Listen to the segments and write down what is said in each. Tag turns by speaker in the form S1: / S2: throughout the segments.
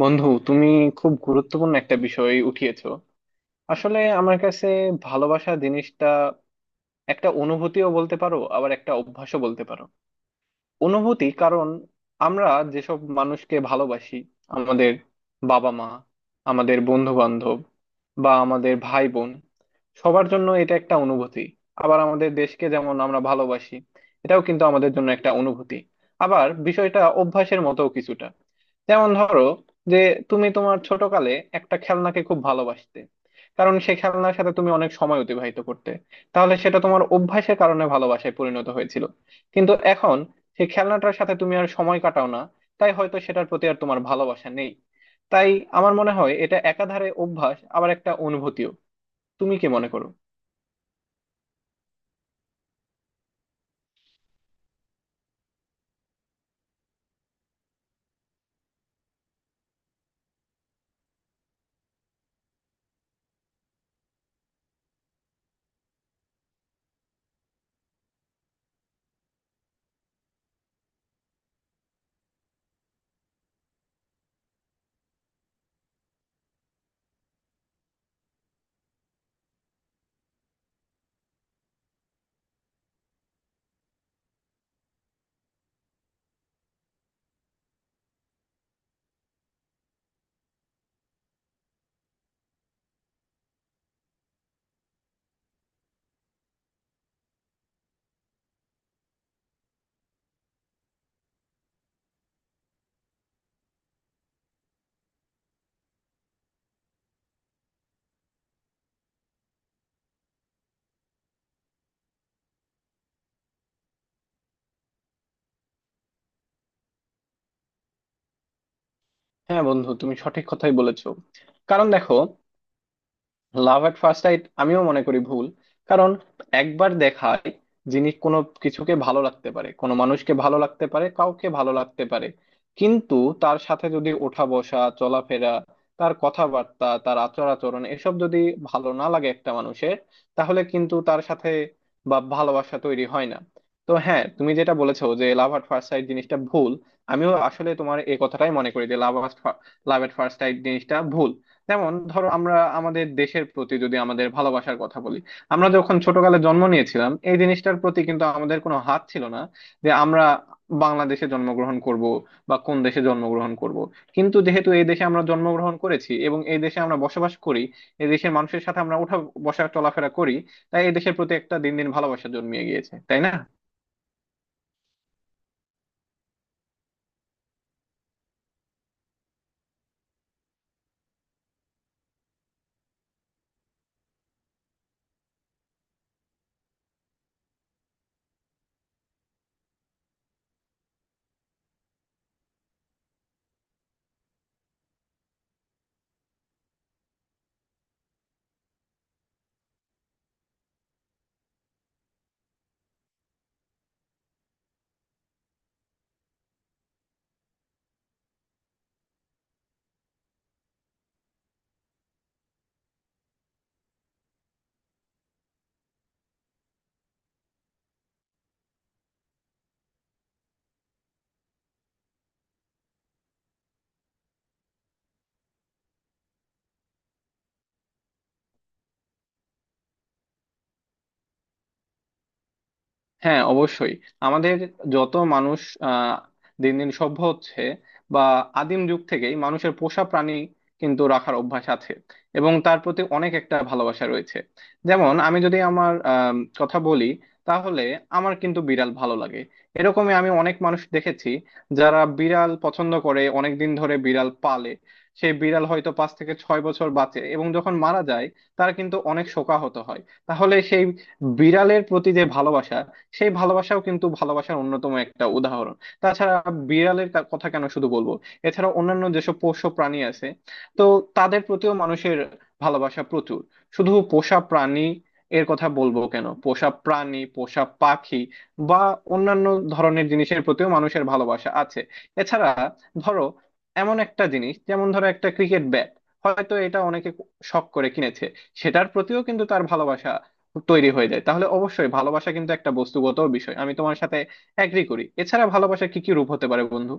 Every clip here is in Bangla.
S1: বন্ধু, তুমি খুব গুরুত্বপূর্ণ একটা বিষয় উঠিয়েছো। আসলে আমার কাছে ভালোবাসা জিনিসটা একটা অনুভূতিও বলতে পারো, আবার একটা অভ্যাসও বলতে পারো। অনুভূতি কারণ আমরা যেসব মানুষকে ভালোবাসি, আমাদের বাবা মা, আমাদের বন্ধু বান্ধব, বা আমাদের ভাই বোন, সবার জন্য এটা একটা অনুভূতি। আবার আমাদের দেশকে যেমন আমরা ভালোবাসি, এটাও কিন্তু আমাদের জন্য একটা অনুভূতি। আবার বিষয়টা অভ্যাসের মতো কিছুটা। যেমন ধরো যে তুমি তোমার ছোটকালে একটা খেলনাকে খুব ভালোবাসতে, কারণ সেই খেলনার সাথে তুমি অনেক সময় অতিবাহিত করতে। তাহলে সেটা তোমার অভ্যাসের কারণে ভালোবাসায় পরিণত হয়েছিল। কিন্তু এখন সেই খেলনাটার সাথে তুমি আর সময় কাটাও না, তাই হয়তো সেটার প্রতি আর তোমার ভালোবাসা নেই। তাই আমার মনে হয় এটা একাধারে অভ্যাস, আবার একটা অনুভূতিও। তুমি কি মনে করো? হ্যাঁ বন্ধু, তুমি সঠিক কথাই বলেছো। কারণ দেখো, লাভ এট ফার্স্ট সাইট আমিও মনে করি ভুল। কারণ একবার দেখায় যিনি কোনো কিছুকে ভালো লাগতে পারে, কোনো মানুষকে ভালো লাগতে পারে, কাউকে ভালো লাগতে পারে, কিন্তু তার সাথে যদি ওঠা বসা চলাফেরা, তার কথাবার্তা, তার আচার আচরণ এসব যদি ভালো না লাগে একটা মানুষের, তাহলে কিন্তু তার সাথে বা ভালোবাসা তৈরি হয় না। তো হ্যাঁ, তুমি যেটা বলেছো যে লাভ এট ফার্স্ট সাইট জিনিসটা ভুল, আমিও আসলে তোমার এই কথাটাই মনে করি যে love love at first sight জিনিসটা ভুল। যেমন ধরো আমরা আমাদের দেশের প্রতি যদি আমাদের ভালোবাসার কথা বলি, আমরা যখন ছোটকালে জন্ম নিয়েছিলাম এই জিনিসটার প্রতি কিন্তু আমাদের কোনো হাত ছিল না, যে আমরা বাংলাদেশে জন্মগ্রহণ করব বা কোন দেশে জন্মগ্রহণ করব। কিন্তু যেহেতু এই দেশে আমরা জন্মগ্রহণ করেছি এবং এই দেশে আমরা বসবাস করি, এই দেশের মানুষের সাথে আমরা উঠা বসা চলাফেরা করি, তাই এই দেশের প্রতি একটা দিন দিন ভালোবাসা জন্মিয়ে গিয়েছে, তাই না? হ্যাঁ, অবশ্যই। আমাদের যত মানুষ আহ, দিন দিন সভ্য হচ্ছে, বা আদিম যুগ থেকেই মানুষের পোষা প্রাণী কিন্তু রাখার অভ্যাস আছে এবং তার প্রতি অনেক একটা ভালোবাসা রয়েছে। যেমন আমি যদি আমার কথা বলি, তাহলে আমার কিন্তু বিড়াল ভালো লাগে। এরকমই আমি অনেক মানুষ দেখেছি যারা বিড়াল পছন্দ করে, অনেক দিন ধরে বিড়াল পালে। সেই বিড়াল হয়তো 5 থেকে 6 বছর বাঁচে, এবং যখন মারা যায় তার কিন্তু অনেক শোকাহত হয়। তাহলে সেই বিড়ালের প্রতি যে ভালোবাসা, সেই ভালোবাসাও কিন্তু ভালোবাসার অন্যতম একটা উদাহরণ। তাছাড়া বিড়ালের কথা কেন শুধু বলবো, এছাড়া অন্যান্য যেসব পোষ্য প্রাণী আছে, তো তাদের প্রতিও মানুষের ভালোবাসা প্রচুর। শুধু পোষা প্রাণী এর কথা বলবো কেন, পোষা প্রাণী, পোষা পাখি বা অন্যান্য ধরনের জিনিসের প্রতিও মানুষের ভালোবাসা আছে। এছাড়া ধরো এমন একটা জিনিস, যেমন ধরো একটা ক্রিকেট ব্যাট, হয়তো এটা অনেকে শখ করে কিনেছে, সেটার প্রতিও কিন্তু তার ভালোবাসা তৈরি হয়ে যায়। তাহলে অবশ্যই ভালোবাসা কিন্তু একটা বস্তুগত বিষয়, আমি তোমার সাথে এগ্রি করি। এছাড়া ভালোবাসা কি কি রূপ হতে পারে বন্ধু?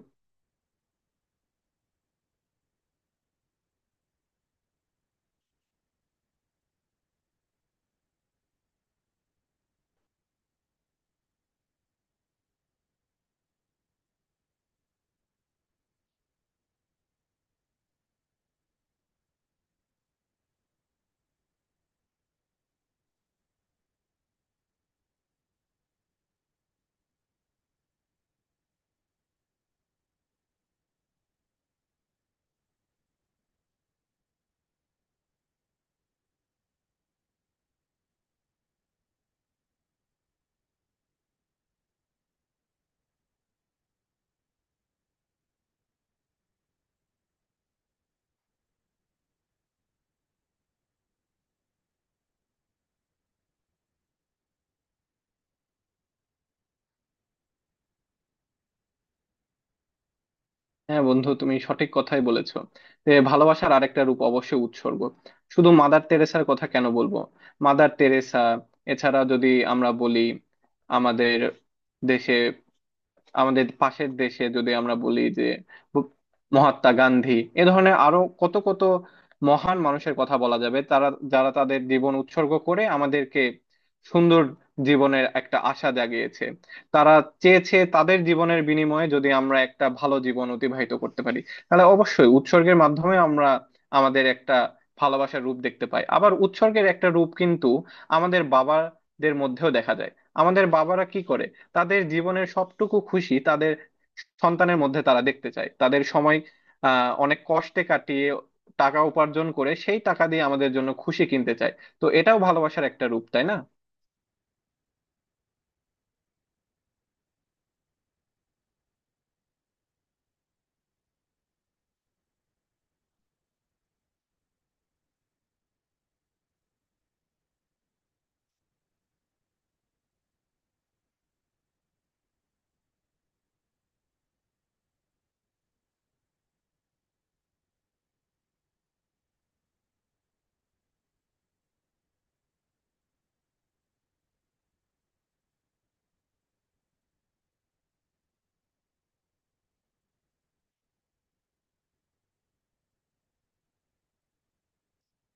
S1: হ্যাঁ বন্ধু, তুমি সঠিক কথাই বলেছো যে ভালোবাসার আরেকটা রূপ অবশ্যই উৎসর্গ। শুধু মাদার তেরেসার কথা কেন বলবো, মাদার তেরেসা এছাড়া যদি আমরা বলি, আমাদের দেশে, আমাদের পাশের দেশে যদি আমরা বলি যে ব- মহাত্মা গান্ধী, এ ধরনের আরো কত কত মহান মানুষের কথা বলা যাবে, তারা যারা তাদের জীবন উৎসর্গ করে আমাদেরকে সুন্দর জীবনের একটা আশা জাগিয়েছে। তারা চেয়েছে তাদের জীবনের বিনিময়ে যদি আমরা একটা ভালো জীবন অতিবাহিত করতে পারি। তাহলে অবশ্যই উৎসর্গের মাধ্যমে আমরা আমাদের একটা ভালোবাসার রূপ দেখতে পাই। আবার উৎসর্গের একটা রূপ কিন্তু আমাদের বাবাদের মধ্যেও দেখা যায়। আমাদের বাবারা কি করে, তাদের জীবনের সবটুকু খুশি তাদের সন্তানের মধ্যে তারা দেখতে চায়। তাদের সময় অনেক কষ্টে কাটিয়ে টাকা উপার্জন করে সেই টাকা দিয়ে আমাদের জন্য খুশি কিনতে চায়। তো এটাও ভালোবাসার একটা রূপ, তাই না?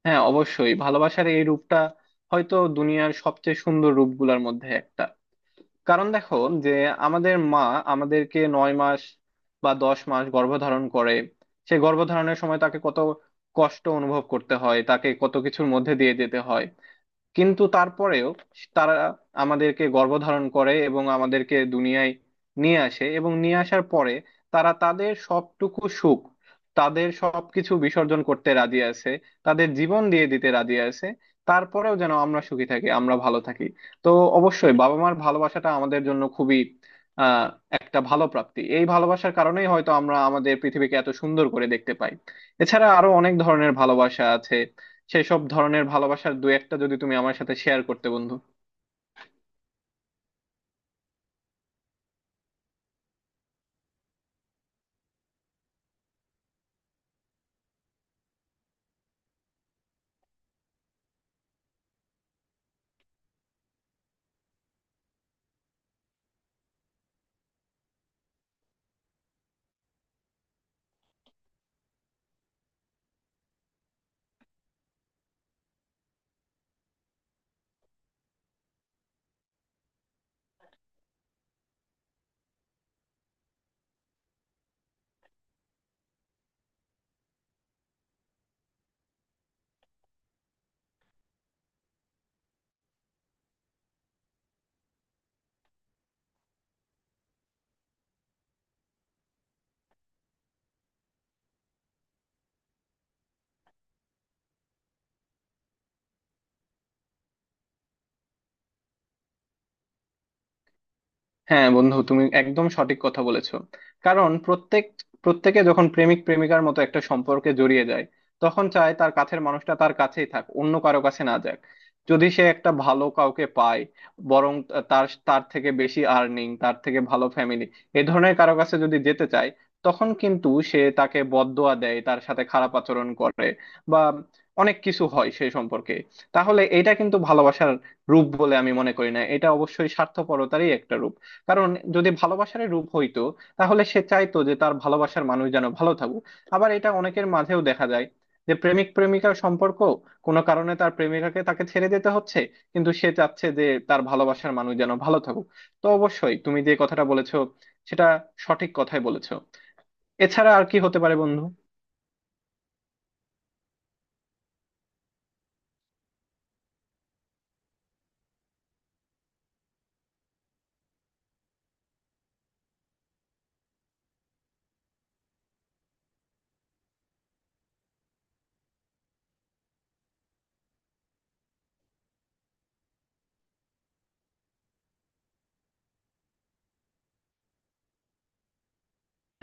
S1: হ্যাঁ অবশ্যই, ভালোবাসার এই রূপটা হয়তো দুনিয়ার সবচেয়ে সুন্দর রূপগুলোর মধ্যে একটা। কারণ দেখো যে আমাদের মা আমাদেরকে 9 মাস বা 10 মাস গর্ভধারণ করে, সেই গর্ভধারণের সময় তাকে কত কষ্ট অনুভব করতে হয়, তাকে কত কিছুর মধ্যে দিয়ে যেতে হয়। কিন্তু তারপরেও তারা আমাদেরকে গর্ভধারণ করে এবং আমাদেরকে দুনিয়ায় নিয়ে আসে। এবং নিয়ে আসার পরে তারা তাদের সবটুকু সুখ, তাদের সবকিছু বিসর্জন করতে রাজি আছে, তাদের জীবন দিয়ে দিতে রাজি আছে, তারপরেও যেন আমরা সুখী থাকি, আমরা ভালো থাকি। তো অবশ্যই বাবা মার ভালোবাসাটা আমাদের জন্য খুবই আহ একটা ভালো প্রাপ্তি। এই ভালোবাসার কারণেই হয়তো আমরা আমাদের পৃথিবীকে এত সুন্দর করে দেখতে পাই। এছাড়া আরো অনেক ধরনের ভালোবাসা আছে, সেই সব ধরনের ভালোবাসার দু একটা যদি তুমি আমার সাথে শেয়ার করতে বন্ধু। হ্যাঁ বন্ধু, তুমি একদম সঠিক কথা বলেছো। কারণ প্রত্যেকে যখন প্রেমিক প্রেমিকার মতো একটা সম্পর্কে জড়িয়ে যায়, তখন চায় তার কাছের মানুষটা তার কাছেই থাক, অন্য কারো কাছে না যাক। যদি সে একটা ভালো কাউকে পায়, বরং তার তার থেকে বেশি আর্নিং, তার থেকে ভালো ফ্যামিলি, এ ধরনের কারো কাছে যদি যেতে চায়, তখন কিন্তু সে তাকে বদদোয়া দেয়, তার সাথে খারাপ আচরণ করে বা অনেক কিছু হয় সেই সম্পর্কে। তাহলে এটা কিন্তু ভালোবাসার রূপ বলে আমি মনে করি না, এটা অবশ্যই স্বার্থপরতারই একটা রূপ। কারণ যদি ভালোবাসার রূপ হইতো, তাহলে সে চাইতো যে তার ভালোবাসার মানুষ যেন ভালো থাকুক। আবার এটা অনেকের মাঝেও দেখা যায়, যে প্রেমিক প্রেমিকার সম্পর্ক কোনো কারণে তার প্রেমিকাকে তাকে ছেড়ে দিতে হচ্ছে, কিন্তু সে চাচ্ছে যে তার ভালোবাসার মানুষ যেন ভালো থাকুক। তো অবশ্যই তুমি যে কথাটা বলেছো, সেটা সঠিক কথাই বলেছো। এছাড়া আর কি হতে পারে বন্ধু?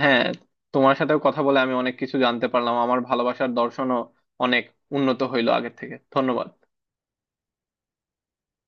S1: হ্যাঁ, তোমার সাথেও কথা বলে আমি অনেক কিছু জানতে পারলাম, আমার ভালোবাসার দর্শনও অনেক উন্নত হইলো আগের থেকে। ধন্যবাদ।